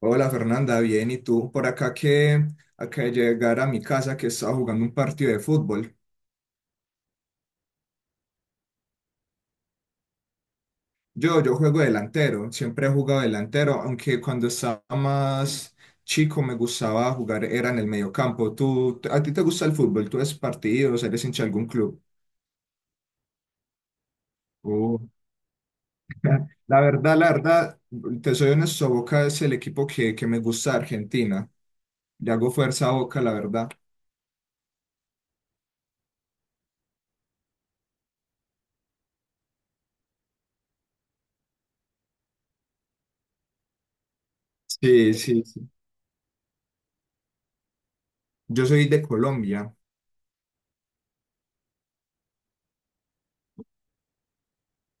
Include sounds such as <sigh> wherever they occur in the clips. Hola Fernanda, bien, ¿y tú? Por acá que acá de llegar a mi casa que estaba jugando un partido de fútbol. Yo juego delantero, siempre he jugado delantero, aunque cuando estaba más chico me gustaba jugar, era en el mediocampo. ¿Tú, a ti te gusta el fútbol? ¿Tú ves partidos? ¿Eres hincha de algún club? Oh, la verdad, la verdad, te soy honesto, Boca es el equipo que me gusta de Argentina. Le hago fuerza a Boca, la verdad. Sí, sí, sí. Yo soy de Colombia.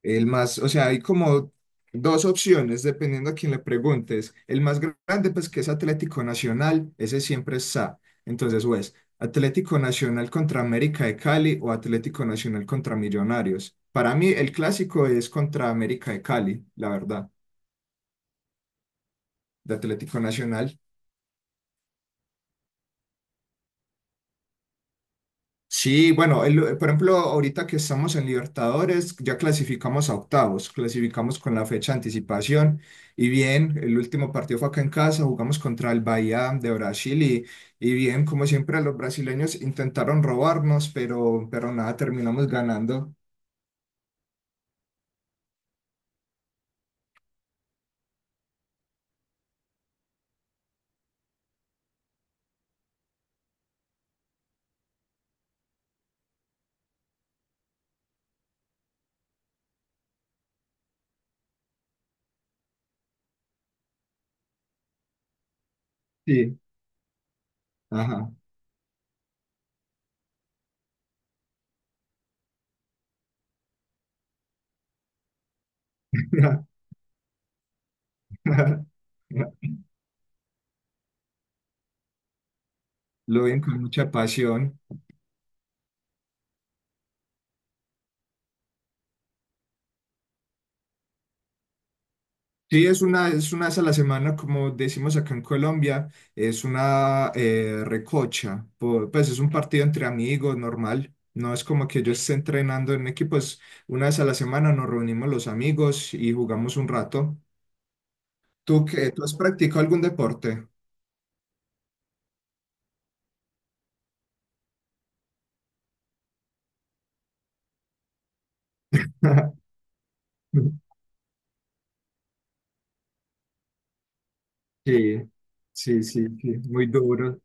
El más, o sea, hay como dos opciones dependiendo a quién le preguntes. El más grande, pues que es Atlético Nacional, ese siempre está. Entonces, o es Atlético Nacional contra América de Cali o Atlético Nacional contra Millonarios. Para mí, el clásico es contra América de Cali, la verdad, de Atlético Nacional. Sí, bueno, por ejemplo, ahorita que estamos en Libertadores, ya clasificamos a octavos, clasificamos con la fecha de anticipación y bien, el último partido fue acá en casa, jugamos contra el Bahía de Brasil y bien, como siempre, los brasileños intentaron robarnos, pero nada, terminamos ganando. Sí. Ajá. <laughs> Lo ven con mucha pasión. Sí, es una vez a la semana, como decimos acá en Colombia, es una recocha, pues es un partido entre amigos normal, no es como que yo esté entrenando en equipo, es una vez a la semana nos reunimos los amigos y jugamos un rato. ¿Tú qué? ¿Tú has practicado algún deporte? <laughs> Sí, sí, sí, sí, muy duro.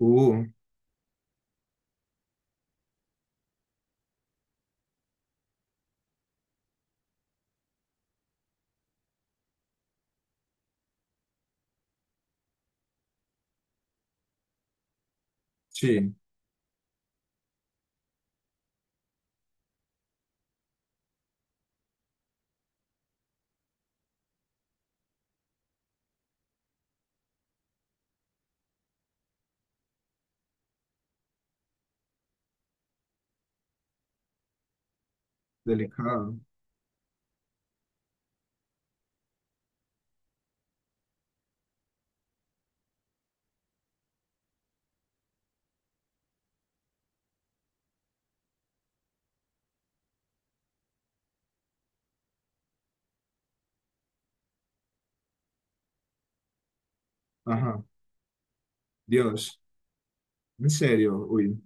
Uh, sí, delicado. Ajá, Dios, en serio, uy.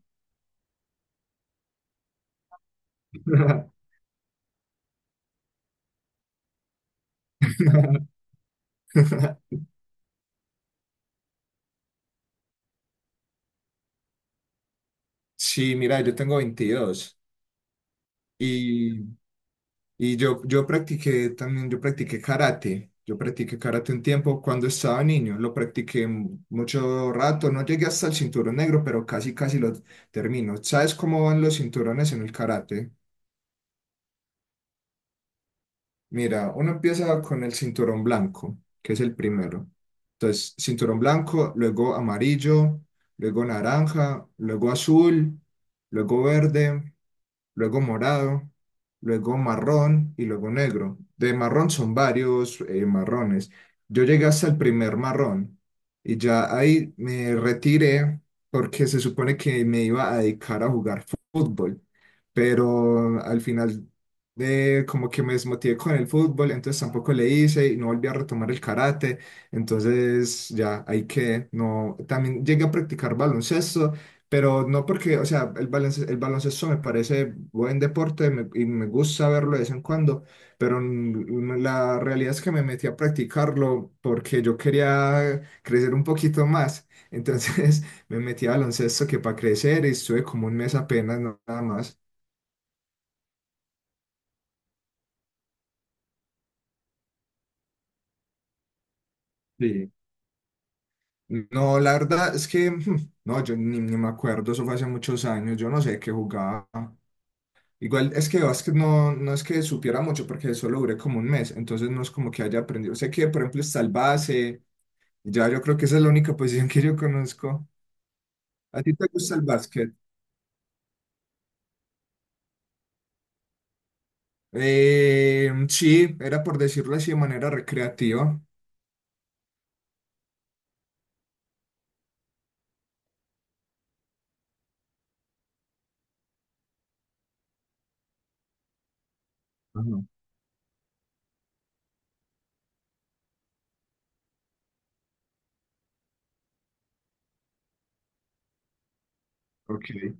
<laughs> Sí, mira, yo tengo 22. Y, y yo, yo practiqué también, yo practiqué karate. Yo practiqué karate un tiempo cuando estaba niño. Lo practiqué mucho rato. No llegué hasta el cinturón negro, pero casi, casi lo termino. ¿Sabes cómo van los cinturones en el karate? Mira, uno empieza con el cinturón blanco, que es el primero. Entonces, cinturón blanco, luego amarillo, luego naranja, luego azul, luego verde, luego morado, luego marrón y luego negro. De marrón son varios marrones. Yo llegué hasta el primer marrón y ya ahí me retiré porque se supone que me iba a dedicar a jugar fútbol, pero al final como que me desmotivé con el fútbol, entonces tampoco le hice y no volví a retomar el karate, entonces ya hay que, no, también llegué a practicar baloncesto, pero no porque, o sea, el baloncesto me parece buen deporte y me gusta verlo de vez en cuando, pero la realidad es que me metí a practicarlo porque yo quería crecer un poquito más. Entonces <laughs> me metí a baloncesto que para crecer y estuve como un mes apenas nada más. Sí. No, la verdad es que, <laughs> no, yo ni me acuerdo, eso fue hace muchos años, yo no sé qué jugaba. Igual es que de básquet no, no es que supiera mucho porque solo duré como un mes, entonces no es como que haya aprendido. Sé que, por ejemplo, está el base, ya yo creo que esa es la única posición <laughs> que yo conozco. ¿A ti te gusta el básquet? Sí, era por decirlo así de manera recreativa. Ajá. Ok.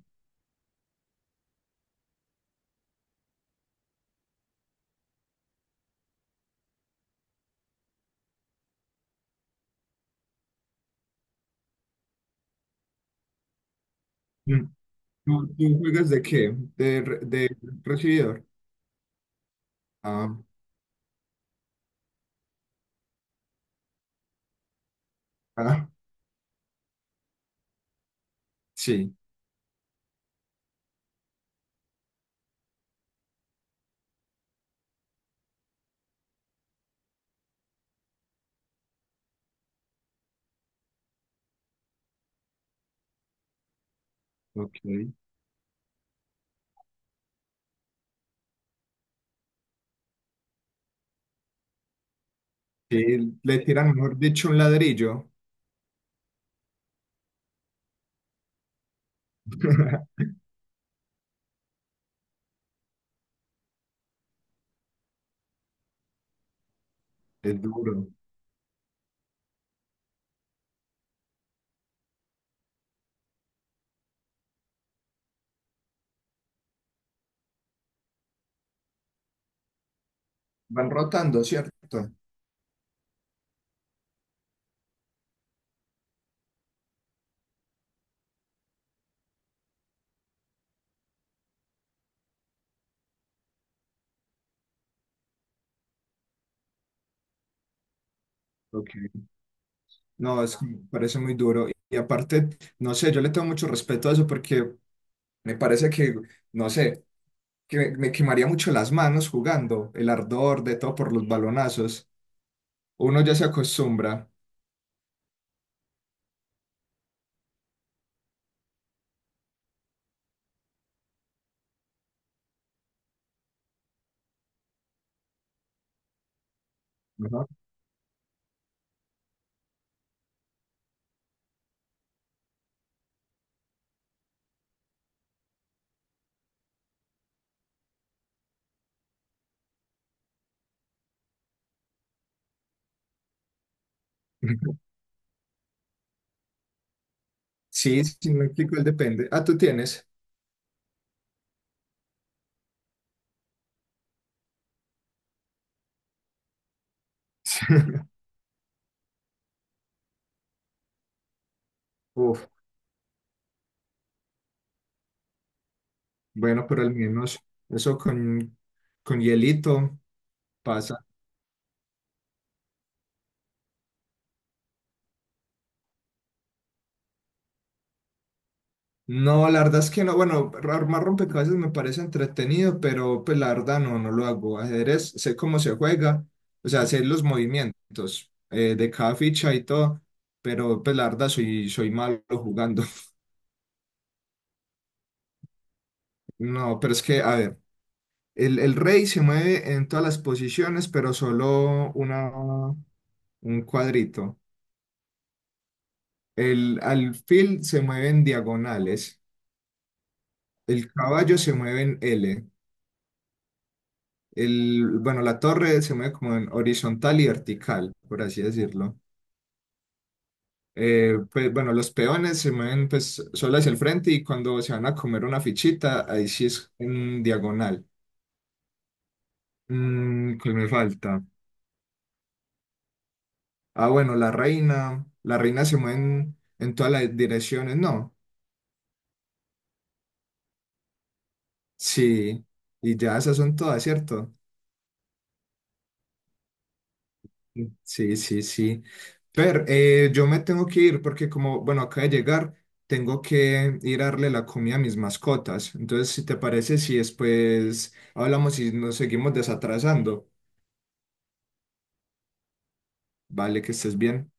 Mm. ¿Tú, tú juegas de qué? ¿De recibidor? Ah, ah, sí, ok. Sí, le tiran, mejor dicho, un ladrillo. <laughs> Es duro. Van rotando, ¿cierto? Ok. No, es, me parece muy duro. Y aparte, no sé, yo le tengo mucho respeto a eso porque me parece que, no sé, que me quemaría mucho las manos jugando, el ardor de todo por los balonazos. Uno ya se acostumbra. Ajá. <laughs> Sí, sí, me explico, él depende. Ah, tú tienes. <laughs> Uf, bueno, pero al menos eso con hielito pasa. No, la verdad es que no. Bueno, armar rompecabezas me parece entretenido, pero pues la verdad no, no lo hago. Ajedrez, sé cómo se juega, o sea, sé los movimientos de cada ficha y todo, pero pues la verdad soy, soy malo jugando. <laughs> No, pero es que, a ver, el rey se mueve en todas las posiciones, pero solo una, un cuadrito. El alfil se mueve en diagonales, el caballo se mueve en L. El, bueno, la torre se mueve como en horizontal y vertical, por así decirlo. Pues bueno, los peones se mueven pues solo hacia el frente y cuando se van a comer una fichita, ahí sí es en diagonal. ¿Qué me falta? Ah, bueno, la reina. La reina se mueve en todas las direcciones, ¿no? Sí. Y ya esas son todas, ¿cierto? Sí, sí, sí. Pero yo me tengo que ir porque como, bueno, acaba de llegar, tengo que ir a darle la comida a mis mascotas. Entonces, si te parece, si después hablamos y nos seguimos desatrasando, vale, que estés bien.